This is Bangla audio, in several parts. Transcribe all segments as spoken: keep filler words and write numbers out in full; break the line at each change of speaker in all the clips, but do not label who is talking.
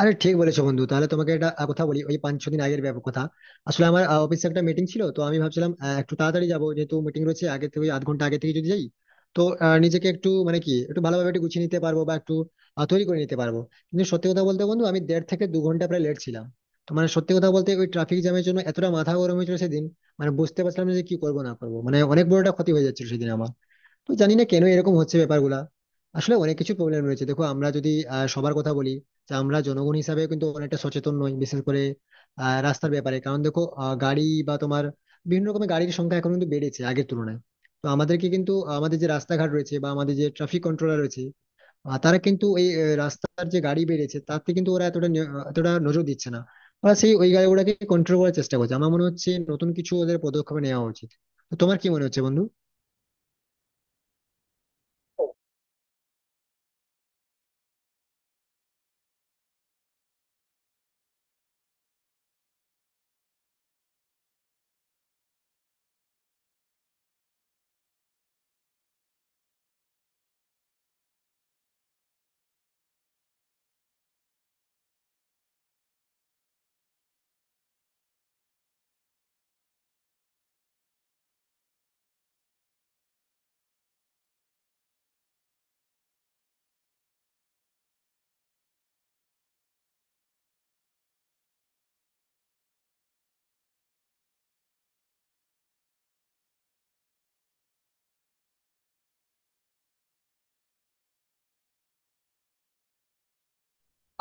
আরে, ঠিক বলেছো বন্ধু। তাহলে তোমাকে একটা আহ, কথা বলি — ওই পাঁচ ছ দিন আগের ব্যাপার কথা। আসলে আমার অফিসে একটা মিটিং ছিল, তো আমি ভাবছিলাম আহ, একটু তাড়াতাড়ি যাবো, যেহেতু মিটিং রয়েছে আগে থেকে, ওই আধ ঘন্টা আগে থেকে যদি যাই, তো আহ, নিজেকে একটু মানে কি একটু ভালোভাবে একটু গুছিয়ে নিতে পারবো বা একটু আহ, তৈরি করে নিতে পারবো। কিন্তু সত্যি কথা বলতে বন্ধু, আমি দেড় থেকে দু ঘন্টা প্রায় লেট ছিলাম। তো মানে সত্যি কথা বলতে ওই ট্রাফিক জ্যামের জন্য এতটা মাথা গরম হয়েছিল সেদিন। মানে বুঝতে পারছিলাম না যে কি করবো না করবো, মানে অনেক বড় একটা ক্ষতি হয়ে যাচ্ছিল সেদিন আমার। তো জানি না কেন এরকম হচ্ছে ব্যাপারগুলা। আসলে অনেক কিছু প্রবলেম রয়েছে। দেখো, আমরা যদি আহ, সবার কথা বলি, যে আমরা জনগণ হিসাবে কিন্তু অনেকটা সচেতন নই, বিশেষ করে আহ, রাস্তার ব্যাপারে। কারণ দেখো, আহ, গাড়ি বা তোমার বিভিন্ন রকমের গাড়ির সংখ্যা এখন কিন্তু বেড়েছে আগের তুলনায়। তো আমাদেরকে কিন্তু আমাদের যে রাস্তাঘাট রয়েছে বা আমাদের যে ট্রাফিক কন্ট্রোলার রয়েছে, আহ, তারা কিন্তু এই আহ, রাস্তার যে গাড়ি বেড়েছে তাতে কিন্তু ওরা এতটা নিয়- এতটা নজর দিচ্ছে না। ওরা সেই ওই গাড়িগুলোকে কন্ট্রোল করার চেষ্টা করছে। আমার মনে হচ্ছে নতুন কিছু ওদের পদক্ষেপ নেওয়া উচিত। তো তোমার কি মনে হচ্ছে বন্ধু?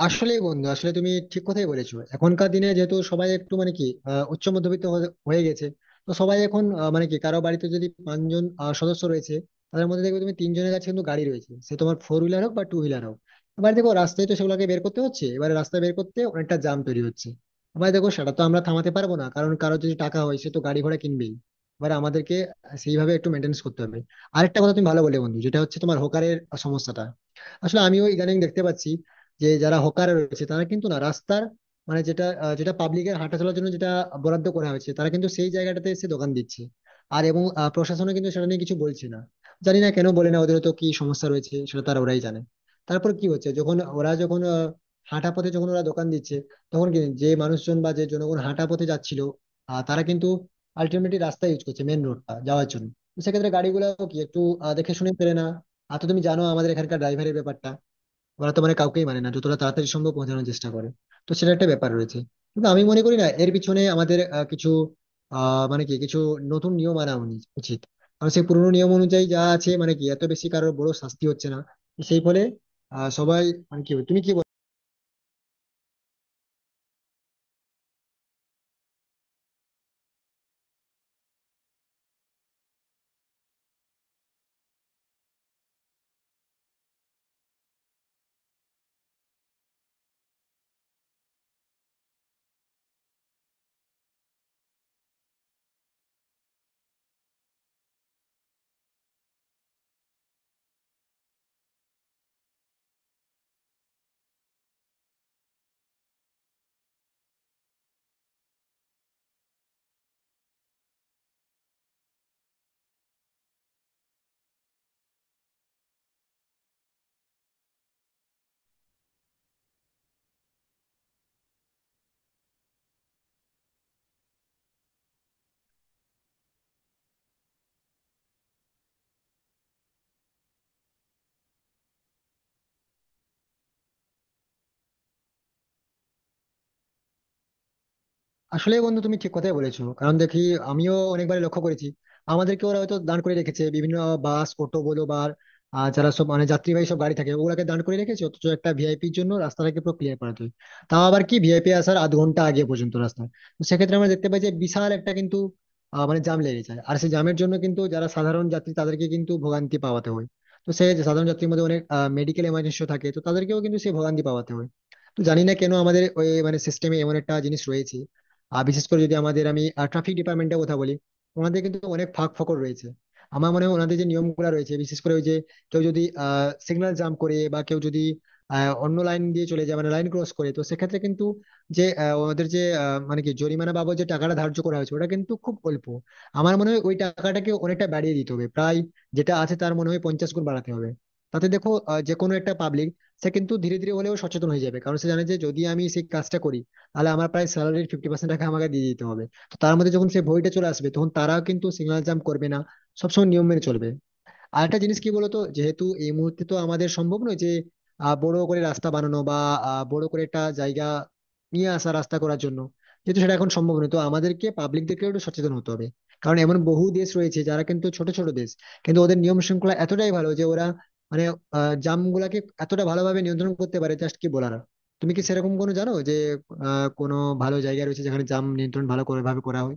আসলেই বন্ধু, আসলে তুমি ঠিক কথাই বলেছো। এখনকার দিনে যেহেতু সবাই একটু মানে কি আহ, উচ্চ মধ্যবিত্ত হয়ে হয়ে গেছে। তো সবাই এখন আহ, মানে কি কারো বাড়িতে যদি পাঁচজন আহ, সদস্য রয়েছে, তাদের মধ্যে দেখবে তুমি তিনজনের কাছে কিন্তু গাড়ি রয়েছে, সে তোমার ফোর হুইলার হোক বা টু হুইলার হোক। এবার দেখো, রাস্তায় তো সেগুলোকে বের করতে হচ্ছে। এবার রাস্তা বের করতে অনেকটা জ্যাম তৈরি হচ্ছে। এবার দেখো সেটা তো আমরা থামাতে পারবো না, কারণ কারো যদি টাকা হয় সে তো গাড়ি ঘোড়া কিনবেই। এবার আমাদেরকে সেইভাবে একটু মেনটেন্স করতে হবে। আরেকটা কথা তুমি ভালো বলে বন্ধু, যেটা হচ্ছে তোমার হকারের সমস্যাটা। আসলে আমিও ইদানিং দেখতে পাচ্ছি যে যারা হকার রয়েছে তারা কিন্তু না, রাস্তার মানে যেটা আহ, যেটা পাবলিকের হাঁটা চলার জন্য যেটা বরাদ্দ করা হয়েছে, তারা কিন্তু সেই জায়গাটাতে এসে দোকান দিচ্ছে। আর এবং আহ, প্রশাসনও কিন্তু সেটা নিয়ে কিছু বলছে না। জানি না কেন বলে না, ওদের তো কি সমস্যা রয়েছে সেটা তারা ওরাই জানে। তারপর কি হচ্ছে, যখন ওরা যখন আহ, হাঁটা পথে যখন ওরা দোকান দিচ্ছে, তখন কি যে মানুষজন বা যে জনগণ হাঁটা পথে যাচ্ছিল, আহ, তারা কিন্তু আলটিমেটলি রাস্তা ইউজ করছে মেন রোডটা যাওয়ার জন্য। তো সেক্ষেত্রে গাড়িগুলো কি একটু আহ, দেখে শুনে পেরে না। আর তো তুমি জানো আমাদের এখানকার ড্রাইভারের ব্যাপারটা, ওরা তো মানে কাউকেই মানে না, যতটা তাড়াতাড়ি সম্ভব পৌঁছানোর চেষ্টা করে। তো সেটা একটা ব্যাপার রয়েছে। কিন্তু আমি মনে করি না এর পিছনে আমাদের আহ, কিছু আহ মানে কি কিছু নতুন নিয়ম আনা উনি- উচিত। কারণ সেই পুরোনো নিয়ম অনুযায়ী যা আছে মানে কি এত বেশি কারোর বড় শাস্তি হচ্ছে না। তো সেই ফলে আহ সবাই মানে কি, তুমি কি বলো? আসলে বন্ধু, তুমি ঠিক কথাই বলেছো। কারণ দেখি, আমিও অনেকবার লক্ষ্য করেছি, আমাদেরকে ওরা হয়তো দান করে রেখেছে বিভিন্ন বাস অটো বলো বা আহ, যারা সব মানে যাত্রীবাহী সব গাড়ি থাকে ওগুলাকে দান করে রেখেছে, অথচ একটা ভিআইপির জন্য রাস্তাটাকে পুরো ক্লিয়ার করাতে হয়। তাও আবার কি, ভিআইপি আসার আধ ঘন্টা আগে পর্যন্ত রাস্তা। তো সেক্ষেত্রে আমরা দেখতে পাই যে বিশাল একটা কিন্তু আহ, মানে জাম লেগে যায়। আর সেই জামের জন্য কিন্তু যারা সাধারণ যাত্রী তাদেরকে কিন্তু ভোগান্তি পাওয়াতে হয়। তো সেই যে সাধারণ যাত্রীর মধ্যে অনেক মেডিকেল এমার্জেন্সি থাকে, তো তাদেরকেও কিন্তু সেই ভোগান্তি পাওয়াতে হয়। তো জানি না কেন আমাদের ওই মানে সিস্টেমে এমন একটা জিনিস রয়েছে। আর বিশেষ করে যদি আমাদের আমি ট্রাফিক ডিপার্টমেন্টের কথা বলি, ওনাদের কিন্তু অনেক ফাঁক ফকর রয়েছে। আমার মনে হয় ওনাদের যে নিয়মগুলো রয়েছে, বিশেষ করে ওই যে কেউ যদি আহ সিগন্যাল জাম্প করে বা কেউ যদি আহ, অন্য লাইন দিয়ে চলে যায় মানে লাইন ক্রস করে, তো সেক্ষেত্রে কিন্তু যে আহ, ওনাদের যে আহ, মানে কি জরিমানা বাবদ যে টাকাটা ধার্য করা হয়েছে ওটা কিন্তু খুব অল্প। আমার মনে হয় ওই টাকাটাকে অনেকটা বাড়িয়ে দিতে হবে, প্রায় যেটা আছে তার মনে হয় পঞ্চাশ গুণ বাড়াতে হবে। তাতে দেখো, আহ, যে কোনো একটা পাবলিক সে কিন্তু ধীরে ধীরে হলেও সচেতন হয়ে যাবে, কারণ সে জানে যে যদি আমি সেই কাজটা করি তাহলে আমার প্রায় স্যালারির ফিফটি পার্সেন্ট টাকা আমাকে দিয়ে দিতে হবে। তো তার মধ্যে যখন সেই ভয়টা চলে আসবে তখন তারাও কিন্তু সিগন্যাল জাম্প করবে না, সবসময় নিয়ম মেনে চলবে। আর একটা জিনিস কি বলতো, যেহেতু এই মুহূর্তে তো আমাদের সম্ভব নয় যে আহ, বড় করে রাস্তা বানানো বা আহ, বড় করে একটা জায়গা নিয়ে আসা রাস্তা করার জন্য। যেহেতু সেটা এখন সম্ভব নয়, তো আমাদেরকে পাবলিকদেরকে একটু সচেতন হতে হবে। কারণ এমন বহু দেশ রয়েছে যারা কিন্তু ছোট ছোট দেশ, কিন্তু ওদের নিয়ম শৃঙ্খলা এতটাই ভালো যে ওরা মানে আহ, জামগুলাকে এতটা ভালোভাবে নিয়ন্ত্রণ করতে পারে, জাস্ট কি বলার। তুমি কি সেরকম কোনো জানো যে আহ কোনো ভালো জায়গা রয়েছে যেখানে জাম নিয়ন্ত্রণ ভালো করে ভাবে করা হয়?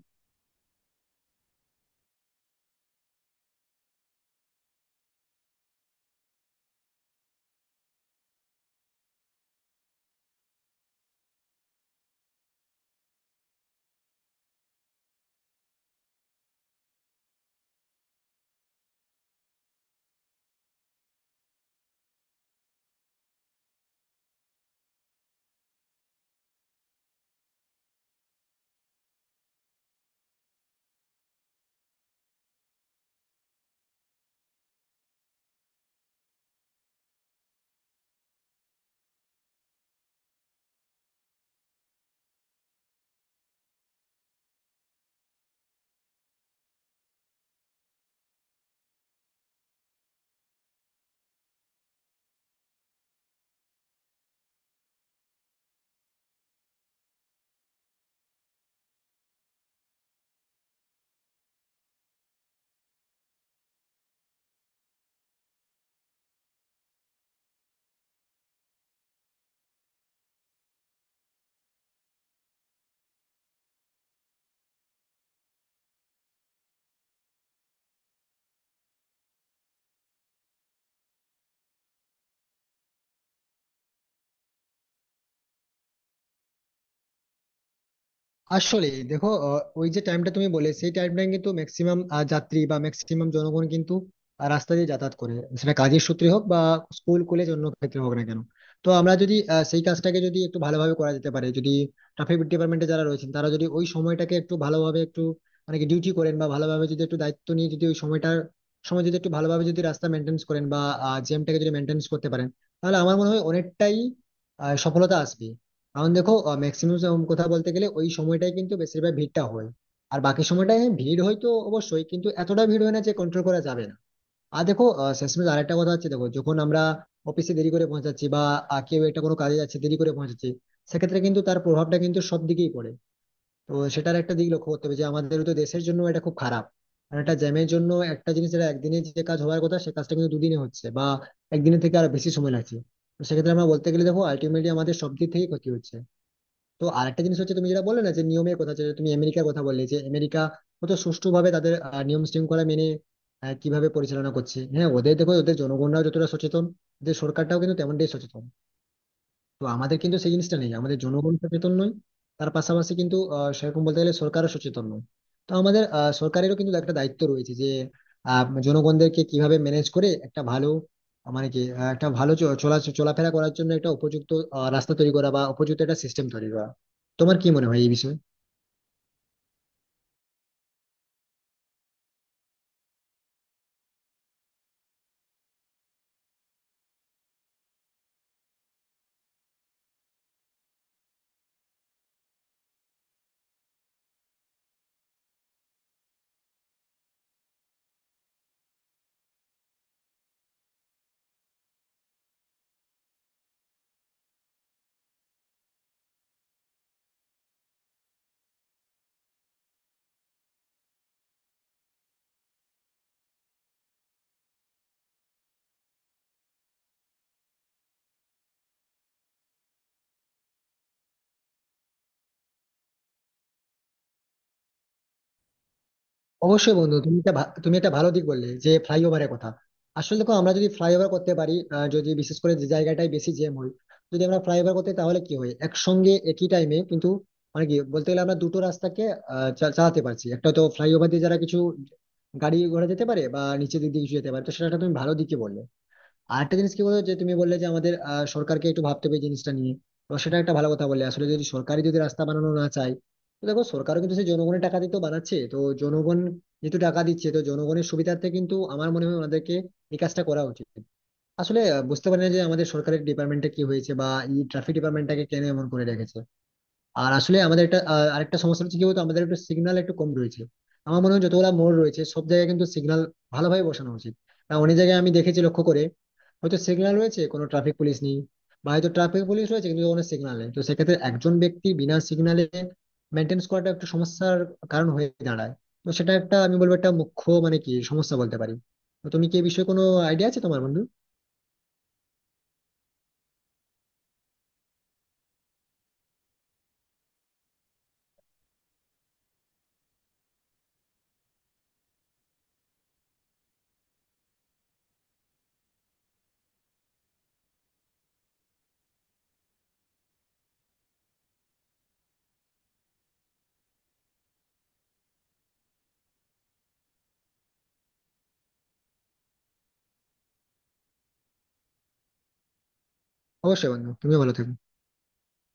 আসলে দেখো, আহ, ওই যে টাইমটা তুমি বলে সেই টাইমটা কিন্তু ম্যাক্সিমাম যাত্রী বা ম্যাক্সিমাম জনগণ কিন্তু আহ, রাস্তা দিয়ে যাতায়াত করে, সেটা কাজের সূত্রে হোক বা স্কুল কলেজ অন্য ক্ষেত্রে হোক না কেন। তো আমরা যদি আহ, সেই কাজটাকে যদি একটু ভালোভাবে করা যেতে পারে, যদি ট্রাফিক ডিপার্টমেন্টে যারা রয়েছেন তারা যদি ওই সময়টাকে একটু ভালোভাবে একটু মানে কি ডিউটি করেন বা ভালোভাবে যদি একটু দায়িত্ব নিয়ে যদি ওই সময়টার সময় যদি একটু ভালোভাবে যদি রাস্তা মেনটেন্স করেন বা জ্যামটাকে যদি মেনটেন্স করতে পারেন, তাহলে আমার মনে হয় অনেকটাই আহ, সফলতা আসবে। কারণ দেখো, ম্যাক্সিমাম কথা বলতে গেলে ওই সময়টাই কিন্তু বেশিরভাগ ভিড়টা হয়। আর বাকি সময়টায় হ্যাঁ, ভিড় হয় তো অবশ্যই, কিন্তু এতটা ভিড় হয় না যে কন্ট্রোল করা যাবে না। আর দেখো, আহ, শেষমেশ আরেকটা কথা হচ্ছে, দেখো যখন আমরা অফিসে দেরি করে পৌঁছাচ্ছি বা আহ, কেউ একটা কোনো কাজে যাচ্ছে দেরি করে পৌঁছাচ্ছি, সেক্ষেত্রে কিন্তু তার প্রভাবটা কিন্তু সব দিকেই পড়ে। তো সেটার একটা দিক লক্ষ্য করতে হবে যে আমাদের তো দেশের জন্য এটা খুব খারাপ। কারণ একটা জ্যামের জন্য একটা জিনিস যেটা একদিনে যে কাজ হওয়ার কথা সে কাজটা কিন্তু দুদিনে হচ্ছে, বা একদিনের থেকে আরো বেশি সময় লাগছে। তো সেক্ষেত্রে আমরা বলতে গেলে দেখো আলটিমেটলি আমাদের সব দিক থেকে ক্ষতি হচ্ছে। তো আরেকটা জিনিস হচ্ছে তুমি যেটা বললে না, যে নিয়মের কথা, যে তুমি আমেরিকার কথা বললে যে আমেরিকা কত সুষ্ঠুভাবে তাদের আহ, নিয়ম শৃঙ্খলা মেনে আহ, কিভাবে পরিচালনা করছে। হ্যাঁ ওদের দেখো, ওদের জনগণরাও যতটা সচেতন, ওদের সরকারটাও কিন্তু তেমনটাই সচেতন। তো আমাদের কিন্তু সেই জিনিসটা নেই, আমাদের জনগণ সচেতন নয়। তার পাশাপাশি কিন্তু আহ, সেরকম বলতে গেলে সরকারও সচেতন নয়। তো আমাদের আহ, সরকারেরও কিন্তু একটা দায়িত্ব রয়েছে যে আহ, জনগণদেরকে কিভাবে ম্যানেজ করে একটা ভালো আহ, মানে কি আহ, একটা ভালো চ- চলা চলাফেরা করার জন্য একটা উপযুক্ত আহ, রাস্তা তৈরি করা বা উপযুক্ত একটা সিস্টেম তৈরি করা। তোমার কি মনে হয় এই বিষয়ে? অবশ্যই বন্ধু, তুমি একটা ভা- তুমি একটা ভালো দিক বললে যে ফ্লাইওভারের কথা। আসলে দেখো, আমরা যদি ফ্লাইওভার করতে পারি, আহ, যদি বিশেষ করে যে জায়গাটায় বেশি জ্যাম হয় যদি আমরা ফ্লাইওভার করতে, তাহলে কি হয় একসঙ্গে একই টাইমে কিন্তু মানে কি বলতে গেলে আমরা দুটো রাস্তাকে আহ, চা- চালাতে পারছি। একটা তো ফ্লাইওভার দিয়ে যারা কিছু গাড়ি ঘোড়া যেতে পারে বা নিচে দিক দিয়ে কিছু যেতে পারে। তো সেটা একটা তুমি ভালো দিকে বললে। আরেকটা জিনিস কি বলতো যে তুমি বললে যে আমাদের আহ, সরকারকে একটু ভাবতে হবে এই জিনিসটা নিয়ে। তো সেটা একটা ভালো কথা বললে। আসলে যদি সরকারই যদি রাস্তা বানানো না চায়, তো দেখো সরকারও কিন্তু সেই জনগণের টাকা দিয়ে তো বানাচ্ছে, তো জনগণ যেহেতু টাকা দিচ্ছে তো জনগণের সুবিধার্থে কিন্তু আমার মনে হয় ওনাদেরকে এই কাজটা করা উচিত। আসলে আহ, বুঝতে পারি না যে আমাদের সরকারের ডিপার্টমেন্টে কি হয়েছে বা এই ট্রাফিক ডিপার্টমেন্টটাকে কেন এমন করে রেখেছে। আর আসলে আমাদের একটা আহ, আরেকটা সমস্যা হচ্ছে কি বলতো, আমাদের একটু সিগন্যাল একটু কম রয়েছে। আমার মনে হয় যতগুলো মোড় রয়েছে সব জায়গায় কিন্তু সিগন্যাল ভালোভাবে বসানো উচিত। আর অনেক জায়গায় আমি দেখেছি লক্ষ্য করে, হয়তো সিগন্যাল রয়েছে কোনো ট্রাফিক পুলিশ নেই, বা হয়তো ট্রাফিক পুলিশ রয়েছে কিন্তু কোনো সিগন্যাল নেই। তো সেক্ষেত্রে একজন ব্যক্তি বিনা সিগন্যালে মেনটেন্স করাটা একটু সমস্যার কারণ হয়ে দাঁড়ায়। তো সেটা একটা আমি বলবো একটা মুখ্য মানে কি সমস্যা বলতে পারি। তো তুমি কি এই বিষয়ে কোনো আইডিয়া আছে তোমার বন্ধু? অবশ্যই বন্ধু, তুমিও ভালো থেকো।